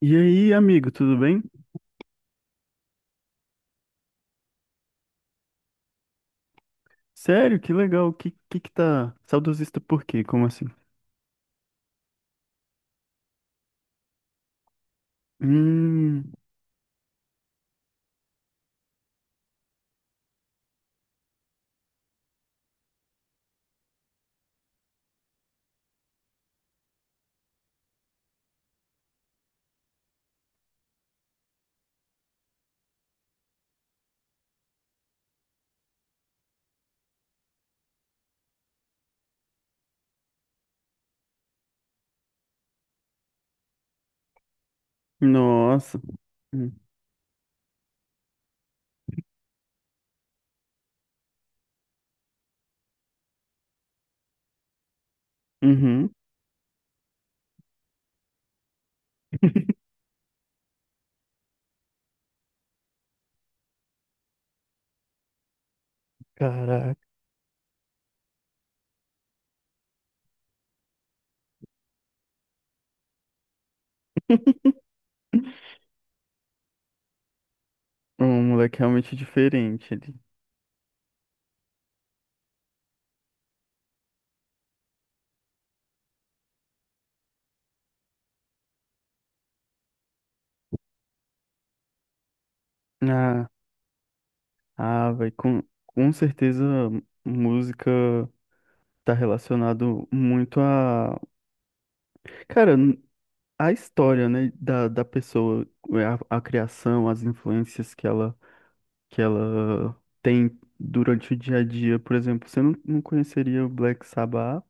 E aí, amigo, tudo bem? Sério, que legal. Que tá saudosista por quê? Como assim? Hum. Nossa. Hum. Uhum. Caraca. Um moleque realmente diferente ali. Ah, vai com certeza, música tá relacionado muito a, cara, n- a história, né, da, da pessoa, é, a criação, as influências que ela tem durante o dia a dia. Por exemplo, você não conheceria o Black Sabbath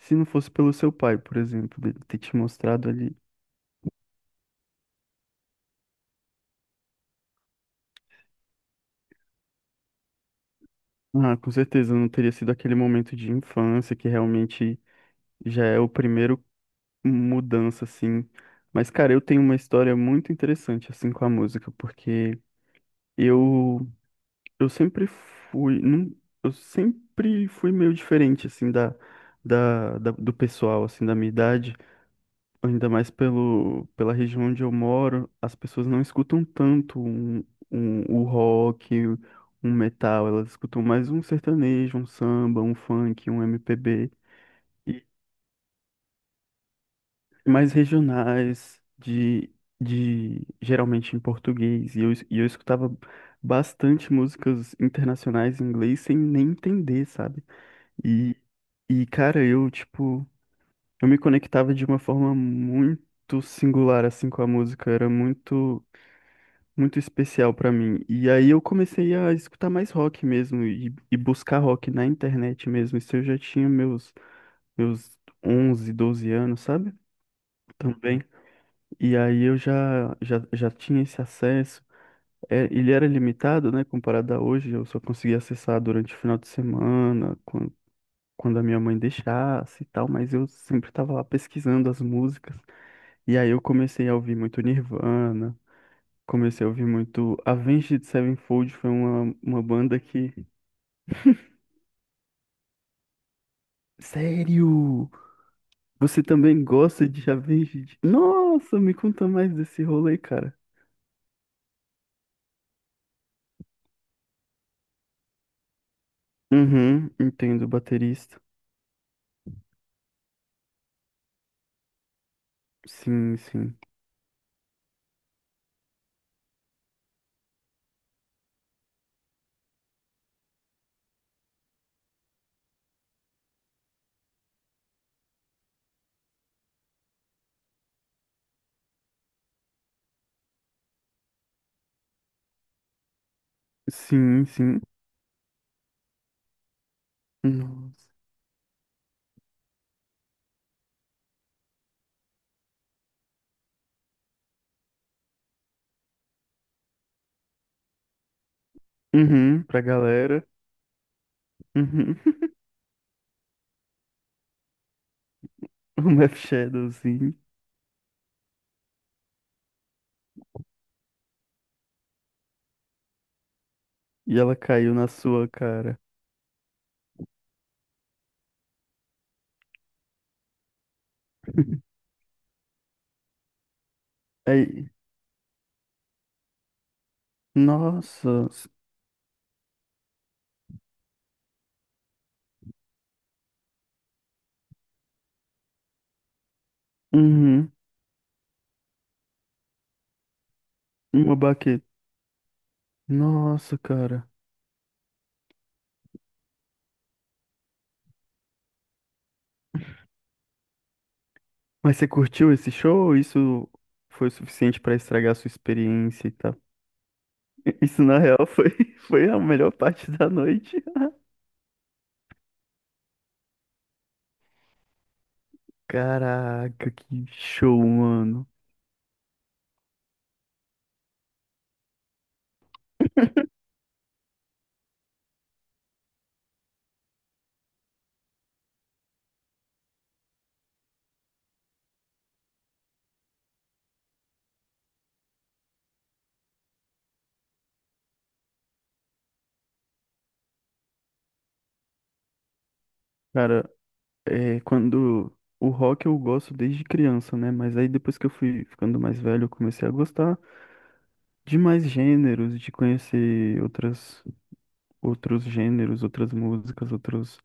se não fosse pelo seu pai, por exemplo, dele ter te mostrado ali. Ah, com certeza, não teria sido aquele momento de infância que realmente já é o primeiro mudança, assim. Mas, cara, eu tenho uma história muito interessante, assim, com a música, porque eu, eu sempre fui, não, eu sempre fui meio diferente, assim, do pessoal, assim, da minha idade. Ainda mais pelo, pela região onde eu moro, as pessoas não escutam tanto o rock, um metal, elas escutam mais um sertanejo, um samba, um funk, um MPB, e mais regionais, de geralmente em português. E e eu escutava bastante músicas internacionais em inglês sem nem entender, sabe? E, e cara, eu, tipo, eu me conectava de uma forma muito singular, assim, com a música, era muito, muito especial pra mim. E aí eu comecei a escutar mais rock mesmo e buscar rock na internet mesmo. Isso eu já tinha meus 11 12 anos, sabe? Também. E aí eu já tinha esse acesso. É, ele era limitado, né, comparado a hoje, eu só conseguia acessar durante o final de semana, quando a minha mãe deixasse e tal, mas eu sempre estava lá pesquisando as músicas. E aí eu comecei a ouvir muito Nirvana, comecei a ouvir muito Avenged Sevenfold, foi uma banda que... Sério? Você também gosta de Avenged? Nossa, me conta mais desse rolê, cara. Uhum, entendo, baterista. Sim, sim. Sim, sim. Nossa. Uhum, pra galera. Uhum. O Meph Shadow, sim. E ela caiu na sua cara. Aí, nossa. Uhum, uma baqueta. Nossa, cara. Mas você curtiu esse show? Isso foi o suficiente pra estragar a sua experiência e tal? Isso na real foi, foi a melhor parte da noite. Caraca, que show, mano. Cara, é, quando o rock eu gosto desde criança, né? Mas aí depois que eu fui ficando mais velho, eu comecei a gostar de mais gêneros, de conhecer outros gêneros, outras músicas,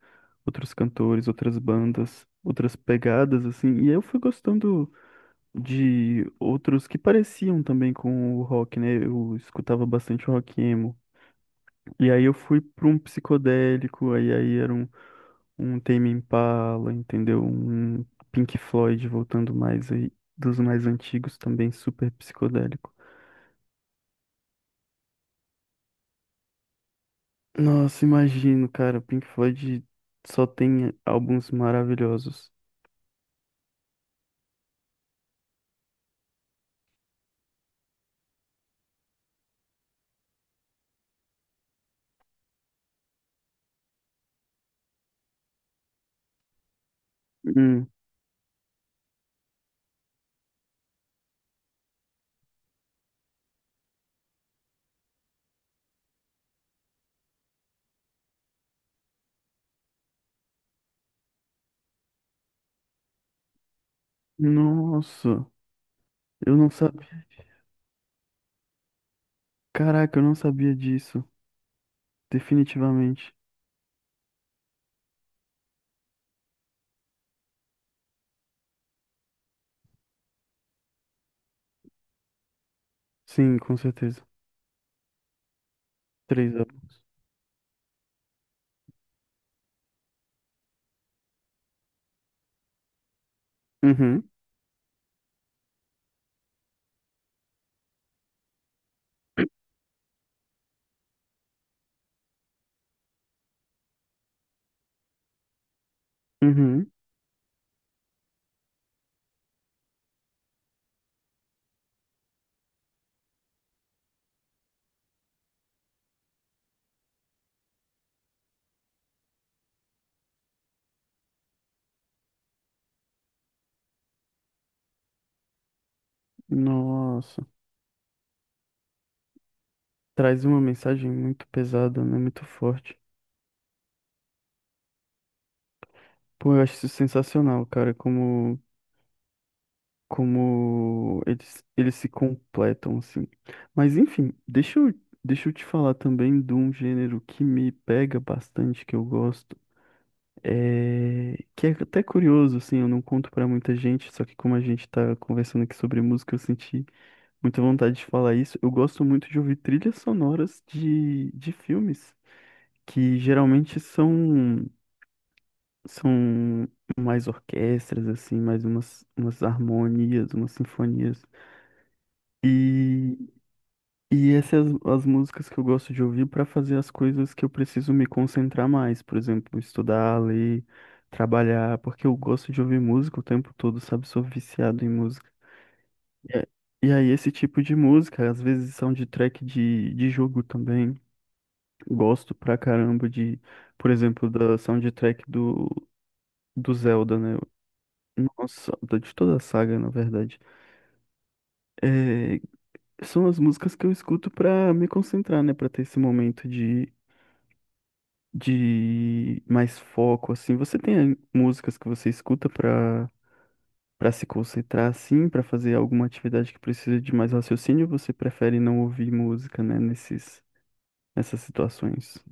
outros cantores, outras bandas, outras pegadas, assim. E aí eu fui gostando de outros que pareciam também com o rock, né? Eu escutava bastante rock emo. E aí eu fui para um psicodélico, aí era um Tame Impala, entendeu? Um Pink Floyd voltando mais aí, dos mais antigos também, super psicodélico. Nossa, imagino, cara, Pink Floyd só tem álbuns maravilhosos. Hum, nossa, eu não sabia. Caraca, eu não sabia disso. Definitivamente. Sim, com certeza. Três álbuns. Uhum. Uhum. Nossa. Traz uma mensagem muito pesada, né? Muito forte. Pô, eu acho isso sensacional, cara, como, eles se completam, assim. Mas enfim, deixa eu te falar também de um gênero que me pega bastante, que eu gosto. É... Que é até curioso, assim, eu não conto pra muita gente, só que como a gente tá conversando aqui sobre música, eu senti muita vontade de falar isso. Eu gosto muito de ouvir trilhas sonoras de filmes, que geralmente são mais orquestras assim, mais umas harmonias, umas sinfonias. E e essas as músicas que eu gosto de ouvir para fazer as coisas que eu preciso me concentrar mais, por exemplo, estudar, ler, trabalhar, porque eu gosto de ouvir música o tempo todo, sabe? Sou viciado em música. E a- e aí esse tipo de música, às vezes soundtrack de jogo também. Gosto pra caramba de por exemplo, da soundtrack do Zelda, né? Nossa, da- de toda a saga, na verdade. É, são as músicas que eu escuto pra me concentrar, né? Pra ter esse momento de mais foco, assim. Você tem músicas que você escuta pra, pra se concentrar, assim, pra fazer alguma atividade que precisa de mais raciocínio? Ou você prefere não ouvir música, né? Nesses, nessas situações.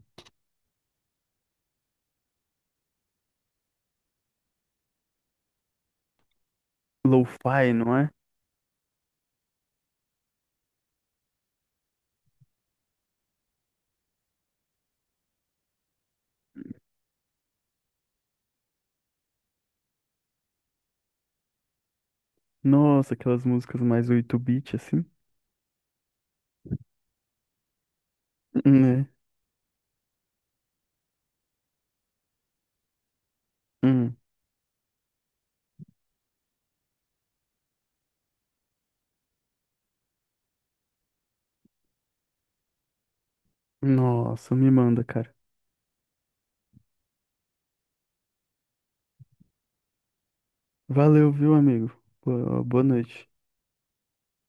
Lo-fi, não é? Nossa, aquelas músicas mais 8-bit, assim. Né? Hum. Nossa, me manda, cara. Valeu, viu, amigo? Boa noite.